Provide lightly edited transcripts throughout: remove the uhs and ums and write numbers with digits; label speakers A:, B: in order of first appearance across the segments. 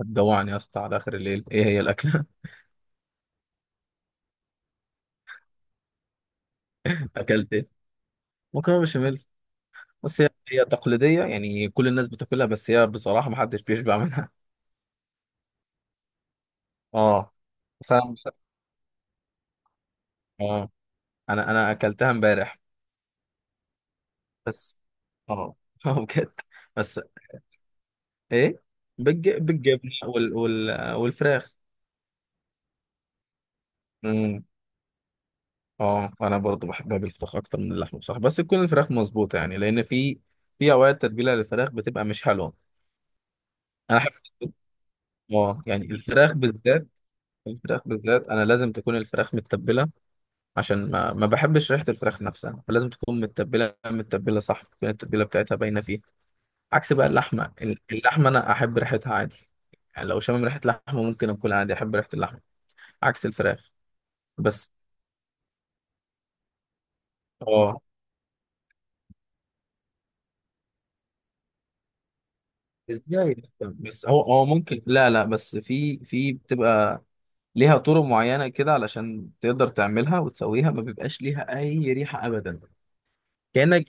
A: هتجوعني يا اسطى على اخر الليل، ايه هي الاكله؟ اكلت ايه؟ مكرونه بشاميل. بس هي تقليديه، يعني كل الناس بتاكلها، بس هي بصراحه ما حدش بيشبع منها. اه. بس انا مش اه انا اكلتها امبارح. بس. اه اه بجد. بس، ايه. بالجبن والفراخ. امم. اه، انا برضو بحبها بالفراخ اكتر من اللحمه بصراحه، بس تكون الفراخ مظبوطه، يعني لان في اوقات تتبيله للفراخ بتبقى مش حلوه. انا احب. اه، يعني الفراخ بالذات، انا لازم تكون الفراخ متبله، عشان ما بحبش ريحه الفراخ نفسها، فلازم تكون متبله متبله، صح، تكون التتبيله بتاعتها باينه فيها. عكس بقى اللحمه، اللحمه انا احب ريحتها عادي. يعني لو شامم ريحه لحمه ممكن اكل عادي، احب ريحه اللحمه عكس الفراخ. بس. اه ازاي؟ بس هو هو ممكن، لا لا، بس في في بتبقى ليها طرق معينه كده علشان تقدر تعملها وتسويها، ما بيبقاش ليها اي ريحه ابدا. كانك.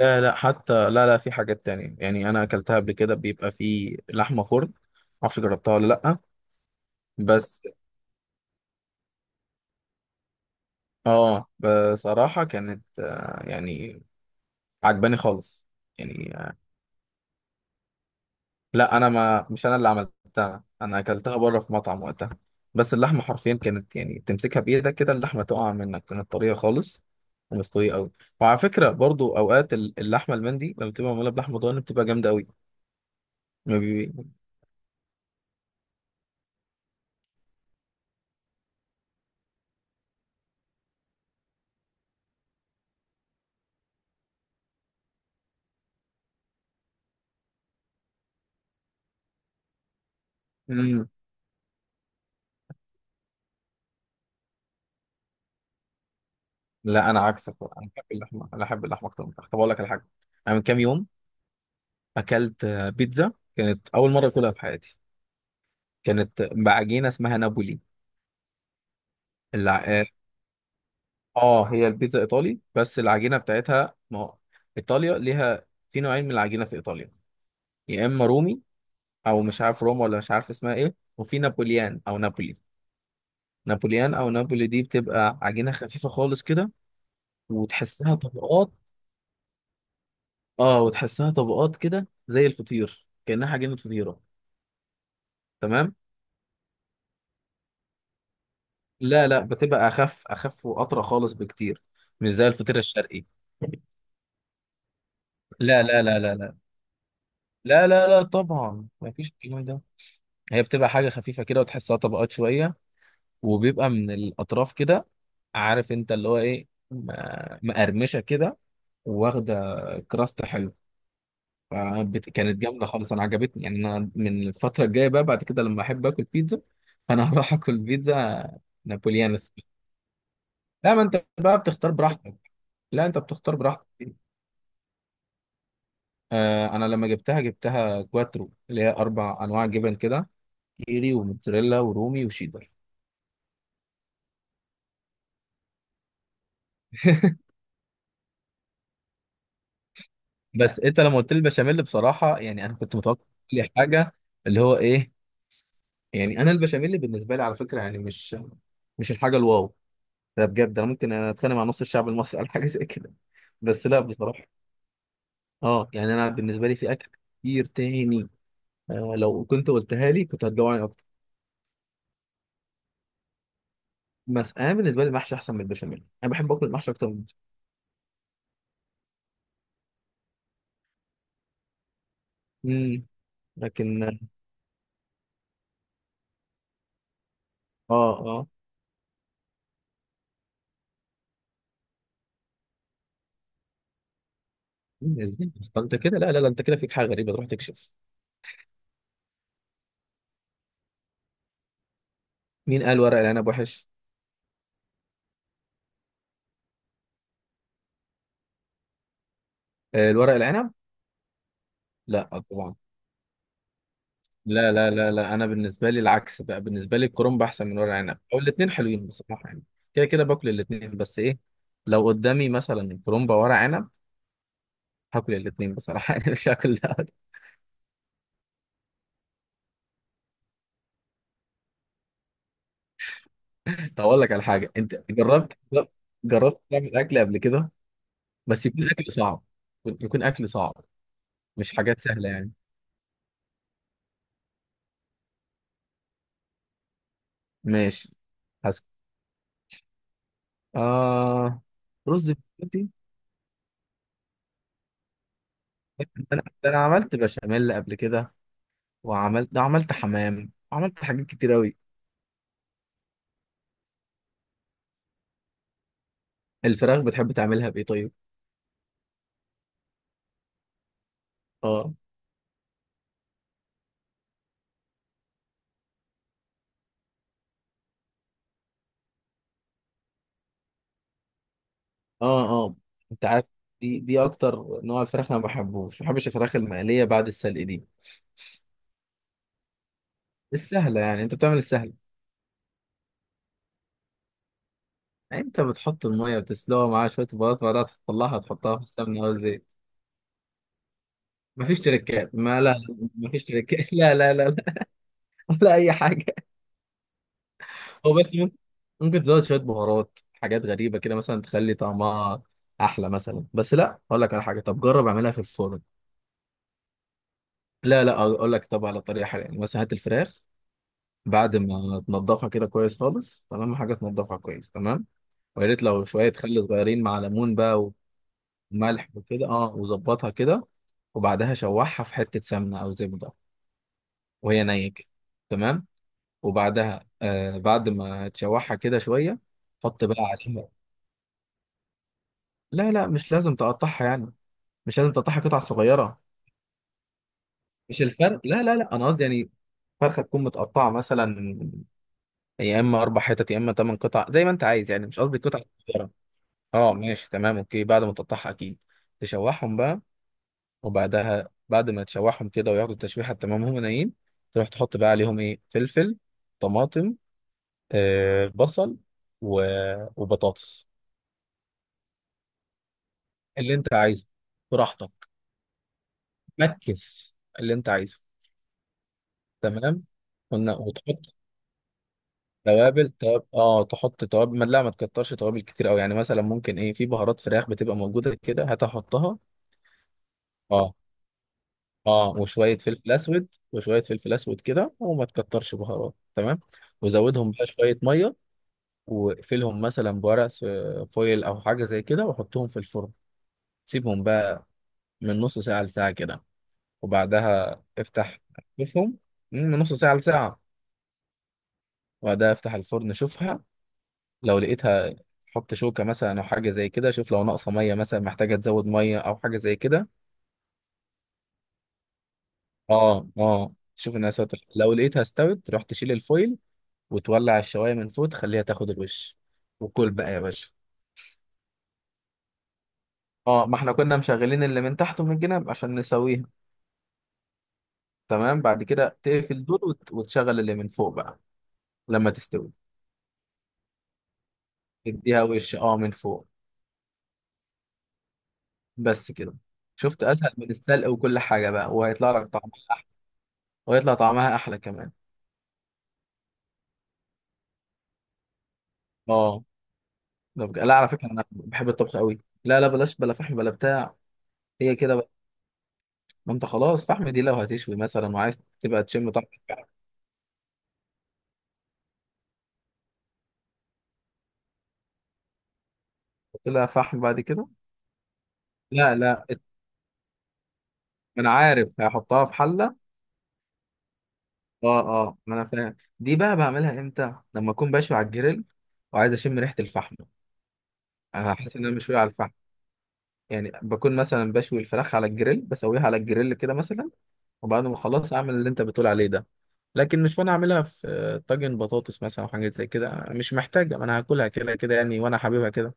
A: لا لا، حتى لا لا، في حاجات تانية، يعني انا اكلتها قبل كده، بيبقى في لحمه فرن. معرفش جربتها ولا لا؟ بس. اه، بصراحه كانت، يعني عجباني خالص. يعني، لا انا ما مش انا اللي عملتها، انا اكلتها بره في مطعم وقتها. بس اللحمه حرفيا كانت، يعني تمسكها بايدك كده اللحمه تقع منك، كانت طريه خالص ومستويه قوي. وعلى فكره، برضو اوقات اللحمه المندي لما بتبقى معموله بلحمه ضاني بتبقى جامده قوي. لا انا عكسك بقى. انا بحب اللحمه اكتر من الفراخ. طب اقول لك على حاجه. انا من كام يوم اكلت، بيتزا كانت اول مره اكلها في حياتي، كانت بعجينه اسمها نابولي. الع... اه هي البيتزا ايطالي، بس العجينه بتاعتها، ما هو ايطاليا ليها في نوعين من العجينه في ايطاليا. يا اما رومي، او مش عارف روما، ولا مش عارف اسمها ايه، وفي نابوليان او نابولي. نابوليان او نابولي دي بتبقى عجينه خفيفه خالص كده، وتحسها طبقات. اه، وتحسها طبقات كده زي الفطير كانها عجينه فطيره. تمام. لا لا، بتبقى اخف اخف واطرى خالص بكتير، مش زي الفطير الشرقي. لا، لا، لا، لا، لا. لا لا لا، طبعا ما فيش الكلام ده. هي بتبقى حاجة خفيفة كده، وتحسها طبقات شوية، وبيبقى من الأطراف كده. عارف انت اللي هو ايه، مقرمشة كده، واخدة كراست حلو. كانت جامدة خالص، أنا عجبتني، يعني أنا من الفترة الجاية بقى بعد كده لما أحب آكل بيتزا أنا هروح آكل بيتزا نابوليان. لا، ما أنت بقى بتختار براحتك. لا، انت بتختار براحتك. آه، انا لما جبتها كواترو اللي هي اربع انواع جبن كده، كيري وموتزاريلا ورومي وشيدر. بس انت لما قلت لي البشاميل بصراحه، يعني انا كنت متوقع لي حاجه، اللي هو ايه، يعني انا البشاميل بالنسبه لي، على فكره، يعني مش مش الحاجه الواو. ده بجد، انا ممكن اتخانق مع نص الشعب المصري على حاجه زي كده. بس لا بصراحه، اه، يعني انا بالنسبه لي في اكل كتير تاني. لو كنت قلتها لي كنت هتجوعني اكتر. بس انا بالنسبه لي المحشي احسن من البشاميل، انا بحب اكل المحشي اكتر. امم. لكن. اه، اه. مم، ازاي اصلا انت كده؟ لا لا لا، انت كده فيك حاجه غريبه، تروح تكشف. مين قال ورق العنب وحش؟ آه، الورق العنب. لا طبعا. لا لا لا لا، انا بالنسبه لي العكس بقى، بالنسبه لي الكرنب احسن من ورق العنب، او الاثنين حلوين بصراحه يعني. كده كده باكل الاثنين، بس ايه، لو قدامي مثلا كرنب او ورق عنب هاكل الاثنين بصراحه، يعني مش هاكل ده. طب اقول لك على حاجه، انت جربت جربت تعمل اكل قبل كده؟ بس يكون اكل صعب، يكون اكل صعب، مش حاجات سهله يعني. ماشي. آه، رز بسمتي. انا عملت بشاميل قبل كده، وعملت ده، عملت حمام، عملت حاجات كتير قوي. الفراخ بتحب تعملها بايه طيب؟ اه، اه، اه. انت عارف، دي اكتر نوع الفراخ انا ما بحبش الفراخ المقليه بعد السلق دي. السهله يعني، انت بتعمل السهل. يعني انت بتحط الميه وتسلقها معاها شويه بهارات، بعدها تطلعها تحطها في السمنه او الزيت. مفيش تريكات، ما لا لا، مفيش تريكات، لا لا لا لا، ولا اي حاجه. هو بس ممكن تزود شوية بهارات حاجات غريبة كده مثلا تخلي طعمها أحلى مثلا. بس لا، أقول لك على حاجة، طب جرب أعملها في الفرن. لا لا، أقول لك، طب على طريقة حلوة، يعني مثلا هات الفراخ بعد ما تنضفها كده كويس خالص، تمام حاجة، تنضفها كويس، تمام. ويا ريت لو شوية خل صغيرين مع ليمون بقى، وملح وكده، وظبطها كده. وبعدها شوحها في حتة سمنة أو زبدة، وهي نية كده. تمام. وبعدها، بعد ما تشوحها كده شوية، حط بقى عليها. لا لا، مش لازم تقطعها يعني، مش لازم تقطعها قطع صغيرة. مش الفرق، لا لا لا، أنا قصدي يعني فرخة تكون متقطعة مثلا، يا إما أربع حتت يا إما تمن قطع زي ما أنت عايز، يعني مش قصدي قطع صغيرة. أه ماشي تمام أوكي، بعد ما تقطعها أكيد تشوحهم بقى. وبعدها بعد ما تشوحهم كده وياخدوا التشويحة، تمام هم نايم، تروح تحط بقى عليهم إيه، فلفل، طماطم، آه بصل، و... وبطاطس. اللي أنت عايزه، براحتك، مكس اللي أنت عايزه. تمام. قلنا وتحط توابل، توابل، تحط توابل، ما لا ما تكترش توابل كتير قوي، يعني مثلا ممكن ايه، في بهارات فراخ بتبقى موجوده كده هتحطها. اه اه، وشويه فلفل اسود كده، وما تكترش بهارات، تمام. وزودهم بقى شويه ميه، واقفلهم مثلا بورق فويل او حاجه زي كده، وحطهم في الفرن. سيبهم بقى من نص ساعه لساعه كده، وبعدها افتح شوفهم، من نص ساعه لساعه. وبعدها افتح الفرن شوفها، لو لقيتها حط شوكة مثلا أو حاجة زي كده، شوف لو ناقصة مية مثلا محتاجة تزود مية أو حاجة زي كده. اه اه، شوف إنها ساتر، لو لقيتها استوت روح تشيل الفويل، وتولع الشواية من فوق تخليها تاخد الوش، وكل بقى يا باشا. اه، ما احنا كنا مشغلين اللي من تحت ومن الجنب عشان نسويها. تمام، بعد كده تقفل دول وتشغل اللي من فوق بقى، لما تستوي. تديها وش، من فوق. بس كده. شفت؟ اسهل من السلق وكل حاجة بقى، وهيطلع لك طعمها احلى، وهيطلع طعمها احلى كمان. اه. لا على فكره انا بحب الطبخ قوي. لا لا، بلاش بلا فحم بلا بتاع. هي كده بقى. ما انت خلاص، فحم دي لو هتشوي مثلا وعايز تبقى تشم طعم الفحم، تحط لها فحم بعد كده. لا لا، ما انا عارف هحطها في حله. اه اه، ما انا فاهم دي، بقى بعملها امتى لما اكون بشوي على الجريل وعايز اشم ريحه الفحم. انا حاسس ان انا مشوي على الفحم، يعني بكون مثلا بشوي الفراخ على الجريل، بسويها على الجريل كده مثلا، وبعد ما اخلص اعمل اللي انت بتقول عليه ده. لكن مش وانا اعملها في، طاجن بطاطس مثلا او حاجه زي كده، مش محتاجه، ما انا هاكلها كده كده يعني، وانا حاببها كده.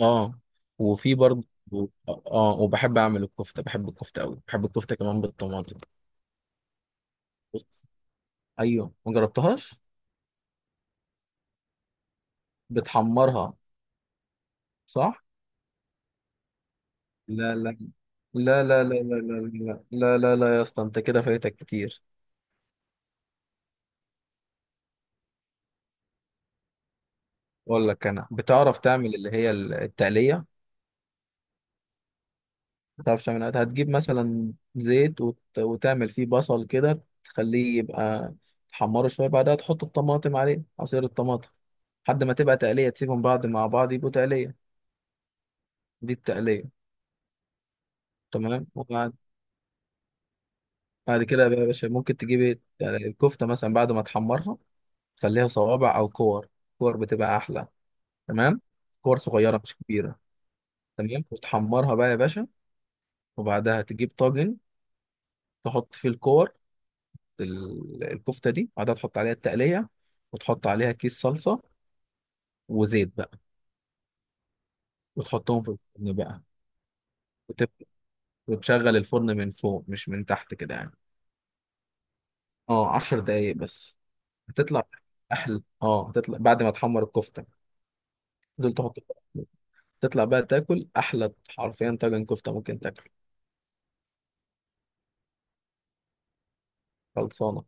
A: اه، وفي برضه. اه، وبحب اعمل الكفته، بحب الكفته قوي، بحب الكفته كمان بالطماطم. ايوه، ما جربتهاش. بتحمرها؟ صح. لا لا لا لا لا لا لا لا لا لا لا، يا اسطى انت كده فايتك كتير. اقول لك، انا بتعرف تعمل اللي هي التقليه؟ ما تعرفش تعملها، هتجيب مثلا زيت وتعمل فيه بصل كده تخليه يبقى، تحمره شويه، بعدها تحط الطماطم عليه عصير الطماطم، لحد ما تبقى تقليه، تسيبهم بعض مع بعض يبقوا تقليه. دي التقليه. تمام. وبعد، بعد كده بقى يا باشا ممكن تجيب إيه؟ يعني الكفته مثلا بعد ما تحمرها، خليها صوابع او كور. كور بتبقى احلى. تمام. كور صغيره مش كبيره. تمام. وتحمرها بقى يا باشا، وبعدها تجيب طاجن، تحط فيه الكور، الكفته دي بعدها تحط عليها التقليه، وتحط عليها كيس صلصه، وزيت بقى، وتحطهم في الفرن بقى. وتب... وتشغل الفرن من فوق مش من تحت كده يعني، اه 10 دقايق بس. هتطلع احلى. اه هتطلع بعد ما تحمر الكفته، دول تحط. تطلع بقى تاكل احلى، حرفيا طاجن كفته ممكن تاكله. خلصانه.